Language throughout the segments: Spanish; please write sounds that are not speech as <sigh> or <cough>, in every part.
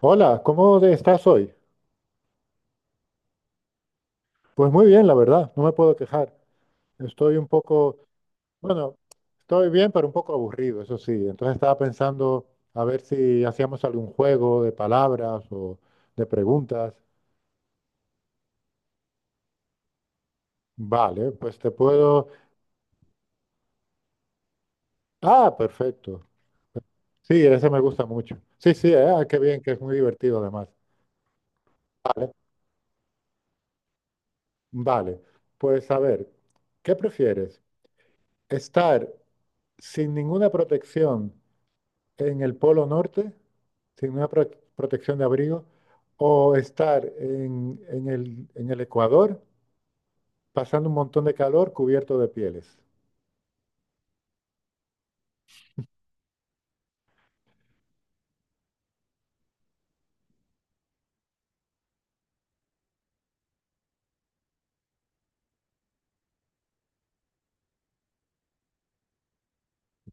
Hola, ¿cómo estás hoy? Pues muy bien, la verdad, no me puedo quejar. Estoy un poco, bueno, estoy bien, pero un poco aburrido, eso sí. Entonces estaba pensando a ver si hacíamos algún juego de palabras o de preguntas. Vale, pues te puedo... Ah, perfecto. Sí, ese me gusta mucho. Sí, sí, qué bien, que es muy divertido además. Vale, pues a ver, ¿qué prefieres? ¿Estar sin ninguna protección en el Polo Norte sin una protección de abrigo o estar en el Ecuador pasando un montón de calor cubierto de pieles?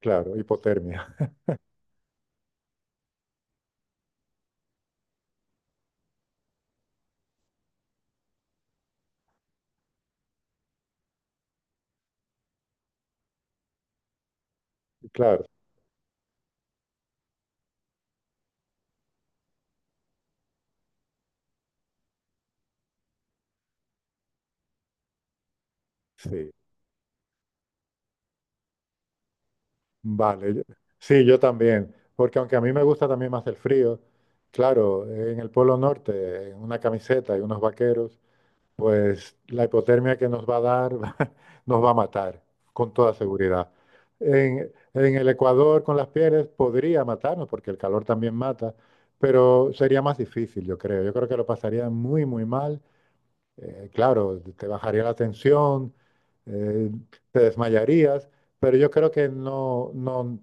Claro, hipotermia. <laughs> Claro, sí. Vale. Sí, yo también. Porque aunque a mí me gusta también más el frío, claro, en el Polo Norte, en una camiseta y unos vaqueros, pues la hipotermia que nos va a dar <laughs> nos va a matar, con toda seguridad. En el Ecuador con las pieles podría matarnos, porque el calor también mata, pero sería más difícil, yo creo. Yo creo que lo pasaría muy, muy mal. Claro, te bajaría la tensión, eh, te desmayarías, pero yo creo que no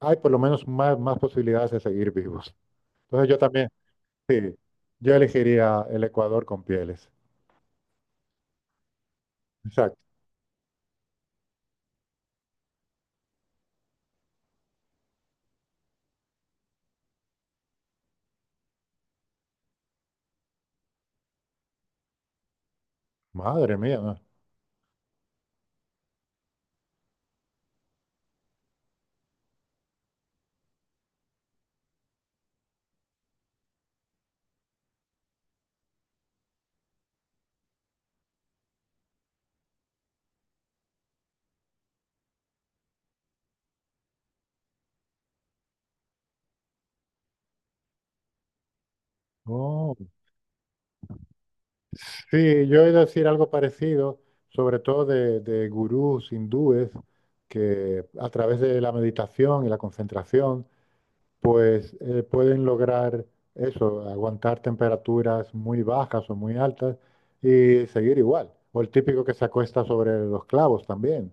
hay por lo menos más posibilidades de seguir vivos. Entonces yo también, sí, yo elegiría el Ecuador con pieles. Exacto. Madre mía. Oh. Sí, yo he de decir algo parecido, sobre todo de gurús hindúes que a través de la meditación y la concentración, pues pueden lograr eso, aguantar temperaturas muy bajas o muy altas y seguir igual. O el típico que se acuesta sobre los clavos también,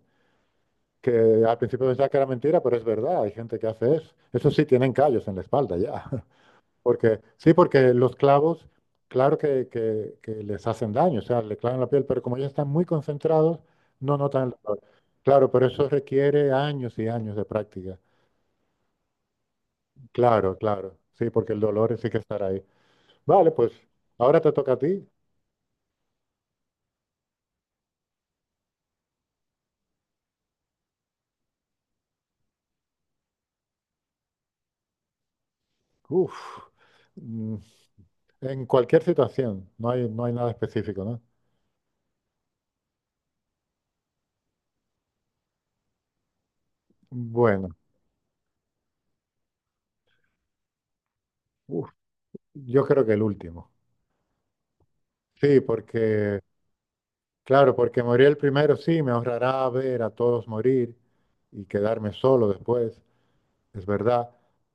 que al principio pensaba que era mentira, pero es verdad, hay gente que hace eso. Eso sí, tienen callos en la espalda ya. <laughs> Porque, sí, porque los clavos, claro que les hacen daño, o sea, le clavan la piel, pero como ellos están muy concentrados, no notan el dolor. Claro, pero eso requiere años y años de práctica. Claro, claro, sí, porque el dolor sí que estará ahí. Vale, pues ahora te toca a ti. Uf, mm, en cualquier situación, no hay nada específico, ¿no? Bueno, uf, yo creo que el último. Sí, porque claro, porque morir el primero sí me ahorrará ver a todos morir y quedarme solo después, es verdad.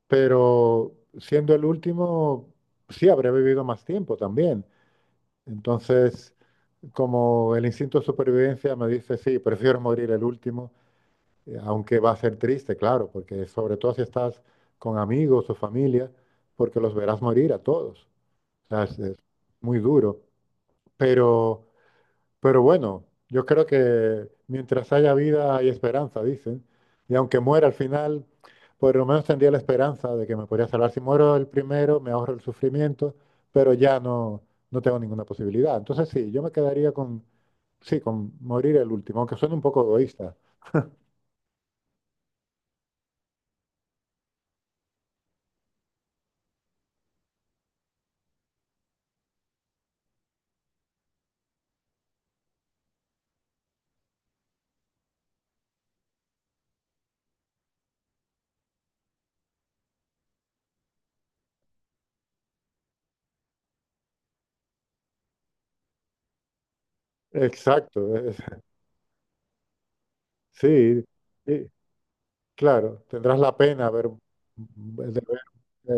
Pero siendo el último, sí habré vivido más tiempo también. Entonces, como el instinto de supervivencia me dice, sí, prefiero morir el último, aunque va a ser triste, claro, porque sobre todo si estás con amigos o familia, porque los verás morir a todos. O sea, es muy duro. Pero. Pero bueno, yo creo que mientras haya vida hay esperanza, dicen. Y aunque muera al final, por lo menos tendría la esperanza de que me podría salvar. Si muero el primero, me ahorro el sufrimiento, pero no tengo ninguna posibilidad. Entonces sí, yo me quedaría con, sí, con morir el último, aunque suene un poco egoísta. Exacto, <laughs> sí, sí, claro, tendrás la pena de haber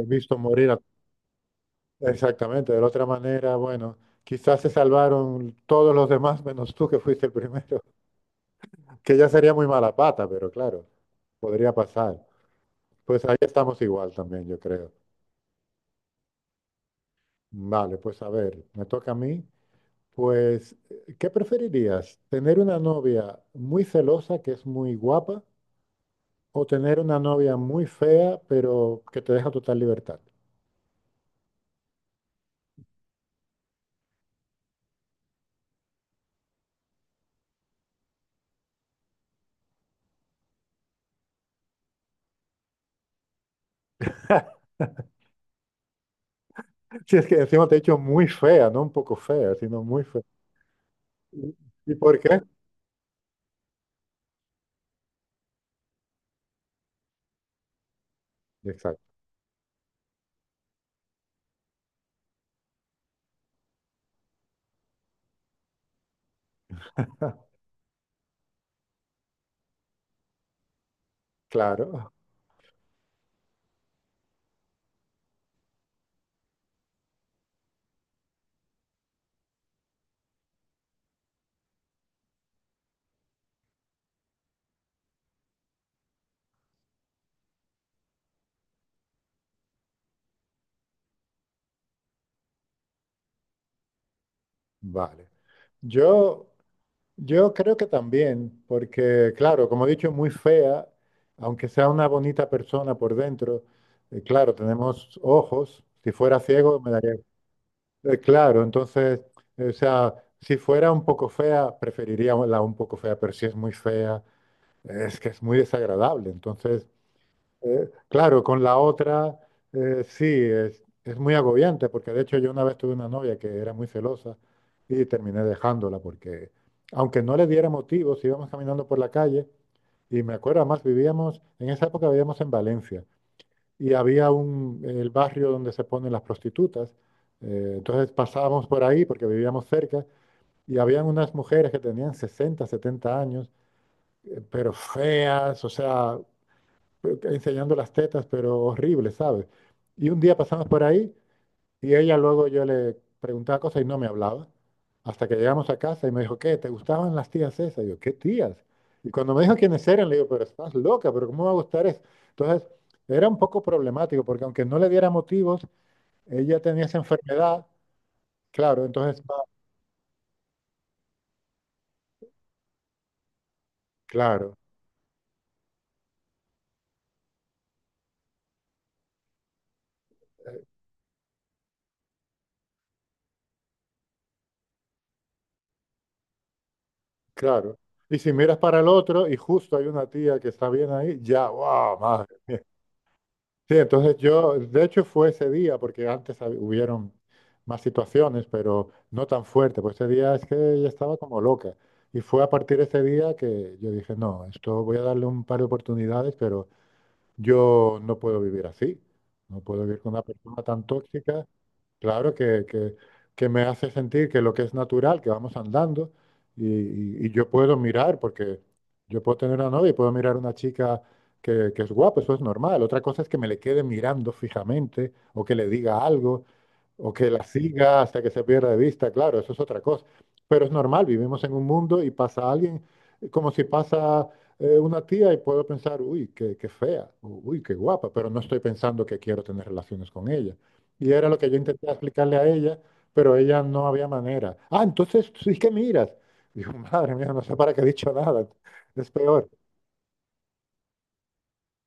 visto morir. Exactamente, de la otra manera, bueno, quizás se salvaron todos los demás menos tú que fuiste el primero, <laughs> que ya sería muy mala pata, pero claro, podría pasar. Pues ahí estamos igual también, yo creo. Vale, pues a ver, me toca a mí. Pues, ¿qué preferirías? ¿Tener una novia muy celosa que es muy guapa o tener una novia muy fea pero que te deja total libertad? <laughs> Si es que encima te he dicho muy fea, no un poco fea, sino muy fea. ¿Y y por qué? Exacto. Claro, <laughs> vale. Yo, yo creo que también, porque claro, como he dicho, muy fea, aunque sea una bonita persona por dentro, claro, tenemos ojos, si fuera ciego me daría... claro, entonces, o sea, si fuera un poco fea, preferiría la un poco fea, pero si es muy fea, es que es muy desagradable, entonces. Claro, con la otra, sí, es muy agobiante, porque de hecho yo una vez tuve una novia que era muy celosa y terminé dejándola, porque aunque no le diera motivos, íbamos caminando por la calle y me acuerdo, además vivíamos, en esa época vivíamos en Valencia y había el barrio donde se ponen las prostitutas, entonces pasábamos por ahí porque vivíamos cerca y habían unas mujeres que tenían 60 70 años, pero feas, o sea, enseñando las tetas, pero horrible, ¿sabes? Y un día pasamos por ahí y ella luego yo le preguntaba cosas y no me hablaba. Hasta que llegamos a casa y me dijo, ¿qué? ¿Te gustaban las tías esas? Y yo, ¿qué tías? Y cuando me dijo quiénes eran, le digo, pero estás loca, pero ¿cómo me va a gustar eso? Entonces, era un poco problemático porque aunque no le diera motivos, ella tenía esa enfermedad, claro, entonces, claro, claro. Y si miras para el otro y justo hay una tía que está bien ahí, ya, wow. Sí, entonces yo, de hecho fue ese día, porque antes hubieron más situaciones, pero no tan fuerte, pues ese día es que ella estaba como loca. Y fue a partir de ese día que yo dije, no, esto voy a darle un par de oportunidades, pero yo no puedo vivir así. No puedo vivir con una persona tan tóxica. Claro que me hace sentir que lo que es natural, que vamos andando y yo puedo mirar, porque yo puedo tener una novia y puedo mirar a una chica que es guapa, eso es normal. Otra cosa es que me le quede mirando fijamente o que le diga algo, o que la siga hasta que se pierda de vista, claro, eso es otra cosa. Pero es normal, vivimos en un mundo y pasa alguien, como si pasa una tía y puedo pensar, uy, qué fea, uy, qué guapa, pero no estoy pensando que quiero tener relaciones con ella. Y era lo que yo intenté explicarle a ella, pero ella no había manera. Ah, entonces sí que miras. <laughs> Digo, madre mía, no sé para qué he dicho nada, es peor.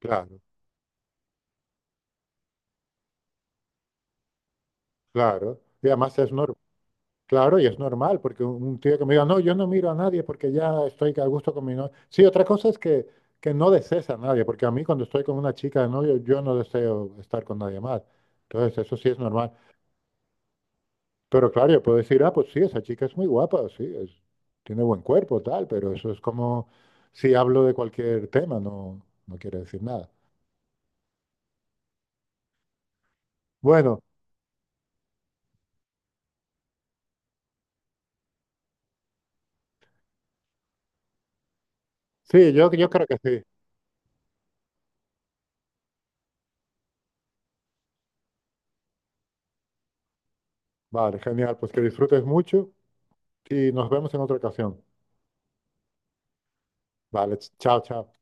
Claro, claro. Y además es normal. Claro, y es normal, porque un tío que me diga, no, yo no miro a nadie porque ya estoy a gusto con mi novia. Sí, otra cosa es que no desees a nadie, porque a mí cuando estoy con una chica de novio, yo no deseo estar con nadie más. Entonces, eso sí es normal. Pero claro, yo puedo decir, ah, pues sí, esa chica es muy guapa, sí, es, tiene buen cuerpo, tal, pero eso es como si hablo de cualquier tema, no, no quiere decir nada. Bueno, sí, yo creo que sí. Vale, genial, pues que disfrutes mucho y nos vemos en otra ocasión. Vale, chao, chao.